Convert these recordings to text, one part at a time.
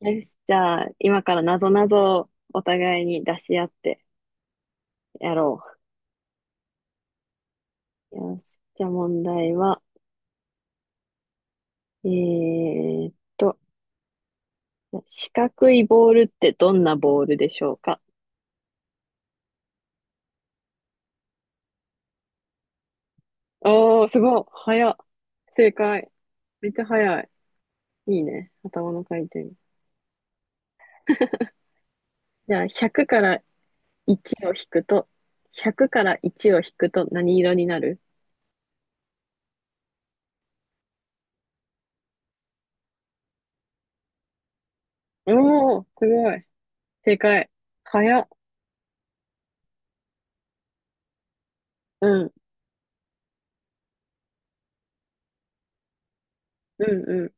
よし、じゃあ、今からなぞなぞをお互いに出し合ってやろう。よし、じゃあ問題は、えーっと、四角いボールってどんなボールでしょうか？おー、すごい。早っ。正解。めっちゃ早い。いいね。頭の回転。じゃあ、100から1を引くと、100から1を引くと何色になる？おー、すごい。正解。早っ。うん、うん、う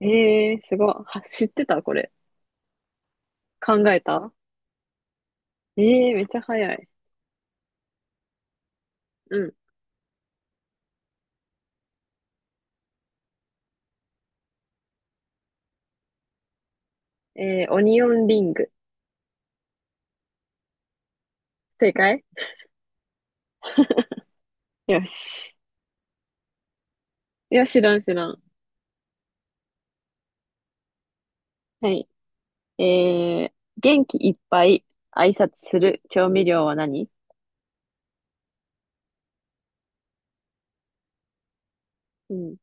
ん。すごい。は、知ってたこれ？考えた。えーめっちゃ早い。うん。オニオンリング。正解。よし。いや、知らん知らん。はい。えー、元気いっぱい挨拶する調味料は何？うん。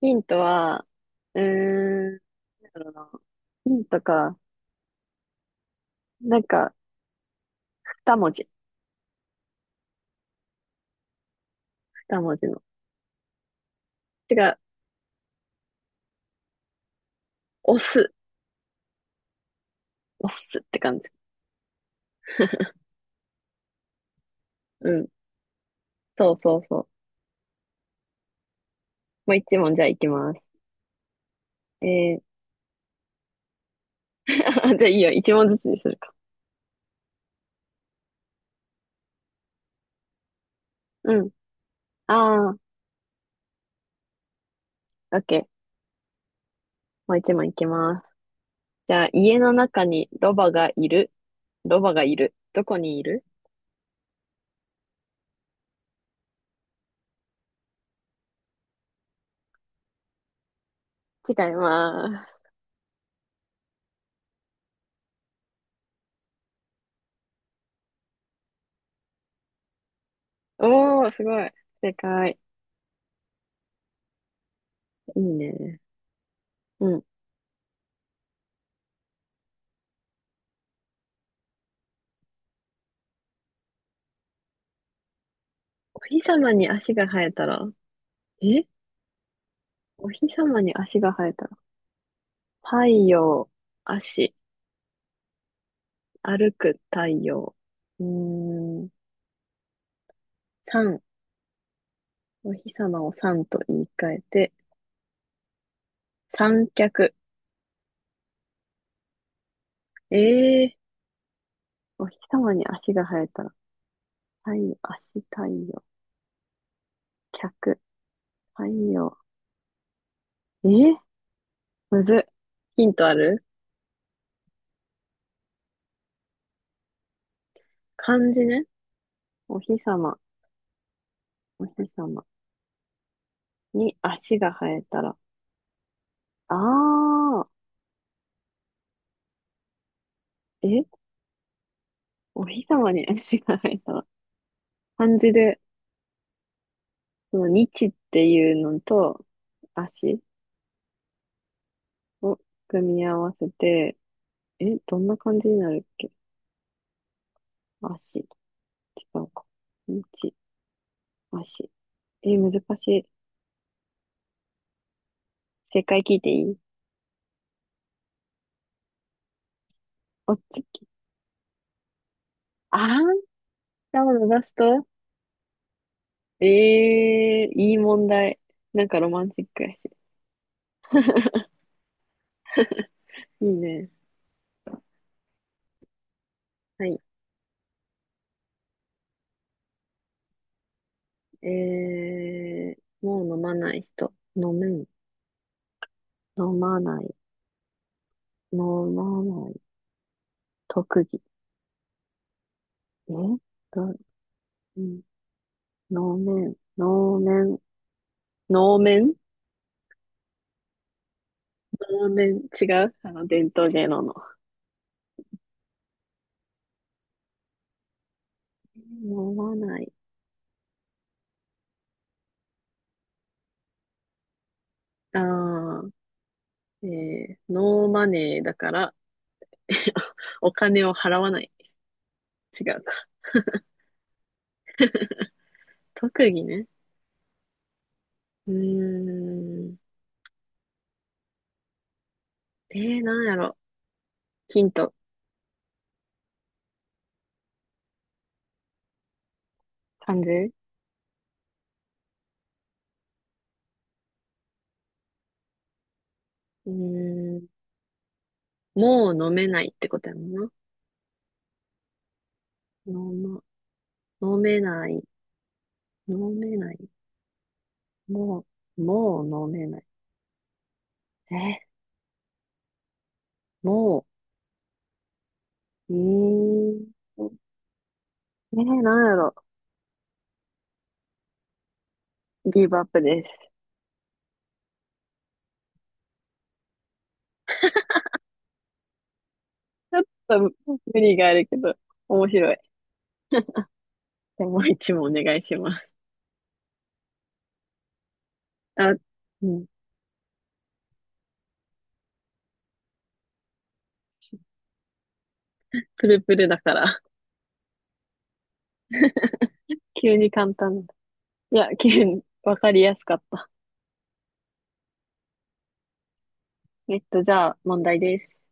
ヒントは、うーん、なんだろうな。ヒントか。なんか、二文字。二文字の。違う。押す。押すって感じ。うん。そうそうそう。もう一問じゃあいきます。えー、じゃあいいよ。一問ずつにするか。うん。あー、オッケー。もう一問いきます。じゃあ、家の中にロバがいる。ロバがいる。どこにいる？違います。おー、すごい。正解。いいね。うん。お日様に足が生えたら、えお日様に足が生えたら、太陽、足、歩く太陽。うーん。三、お日様を三と言い換えて、三脚。ええー、お日様に足が生えたら、太陽、足、太陽、脚、太陽。えーむずっ。ヒントある？漢字ね。お日様、お日様に足が生えたら。ああ、えお日様に足が生えたら。漢字で、その日っていうのと足を組み合わせて、どんな感じになるっけ？足、違うか。日、足。難しい。正解聞いていい？おっつき。あー、下を伸ばすとええー、いい問題。なんかロマンチックやし。いいね。はい。えもう飲まない人。飲めん。飲まない。飲まない。特技。えど、うん。能面。能面。能面能面。違う伝統芸能の。飲まない。ああ、ノーマネーだから、お金を払わない。違うか。特技ね。うーん。なんやろ。ヒント。漢字うーん。もう飲めないってことやもんな。飲ま飲めない。飲めない。ももう飲めない。え、もう、うーん。ねえなんやろ。ギブアップです。ちょっと無理があるけど、面白い。でもう一問お願いします。あ、うん。プルプルだから。急に簡単。いや、急にわかりやすかった。じゃあ、問題です。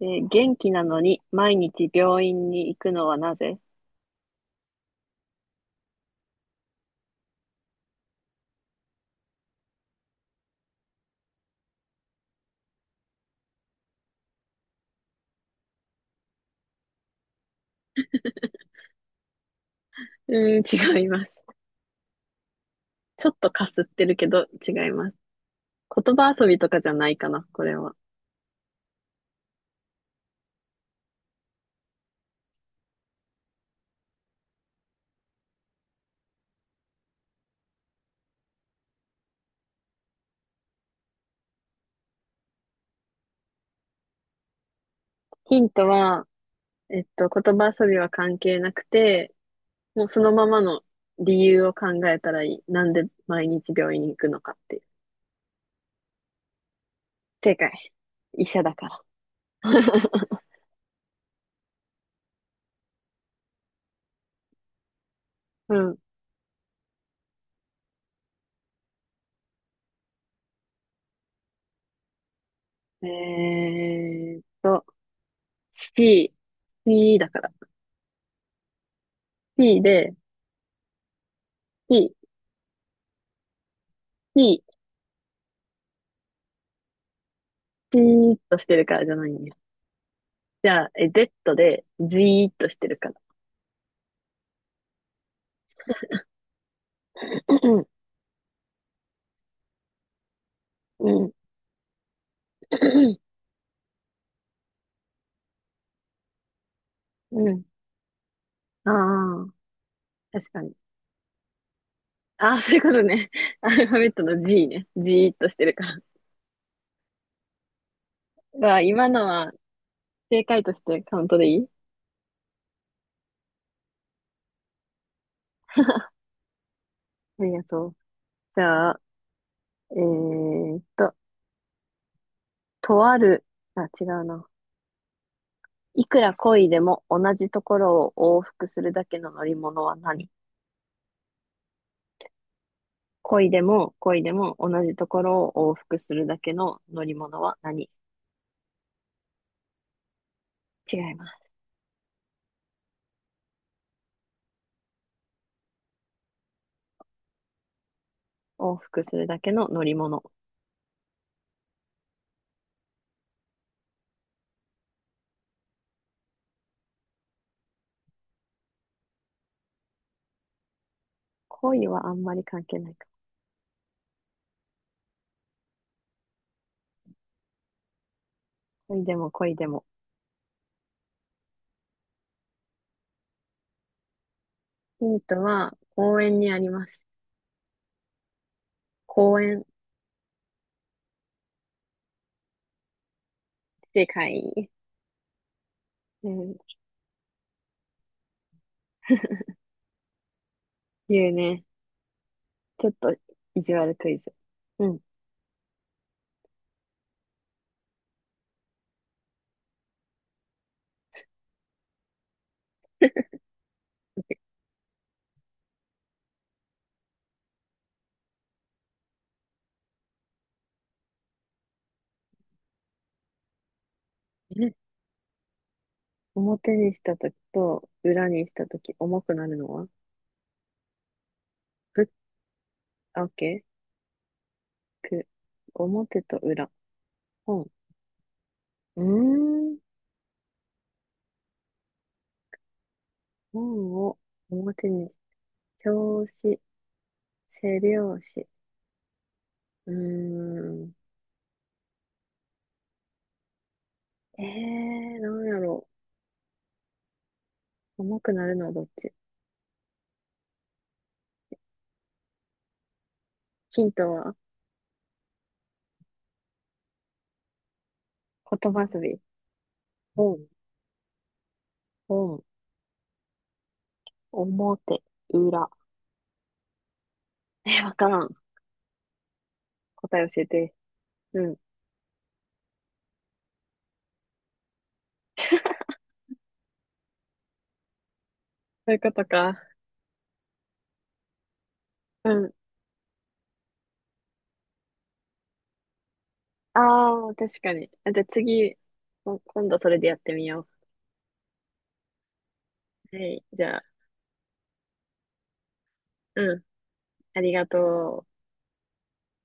元気なのに毎日病院に行くのはなぜ？うーん、違います。ちょっとかすってるけど、違います。言葉遊びとかじゃないかな、これは。ヒントは、言葉遊びは関係なくて、もうそのままの理由を考えたらいい。なんで毎日病院に行くのかっていう。正解。医者だから。うん。えーっと、C、C だから。C で、C、C、C ーっとしてるからじゃないんだよ。じゃあ、Z で、Z ーっとしてるから。うん、うん、ああ、確かに。ああ、そういうことね。アルファベットの G ね。じーっとしてるから。ま今のは正解としてカウントでいい？ありがとう。じゃあ、えーっと、とある、あ、違うな。いくら恋でも同じところを往復するだけの乗り物は何？恋でも恋でも同じところを往復するだけの乗り物は何？違います。往復するだけの乗り物。恋はあんまり関係ないか。恋でも恋でも。ヒントは公園にあります。公園。正解。うん。言うね。ちょっと意地悪クイズ。うん。え表にしたときと裏にしたとき重くなるのは？ぶ、あ、オッケー。く、表と裏。本。うーん。本を表にし、表紙、背表紙。うーん。えなんやろう。重くなるのはどっち？ヒントは言葉遊び。本。本、表、裏。わからん。答え教えて。うん。そういうことか。うん。ああ、確かに。あ、じゃあ次、今度それでやってみよう。はい。じゃあ、うん。ありがとう。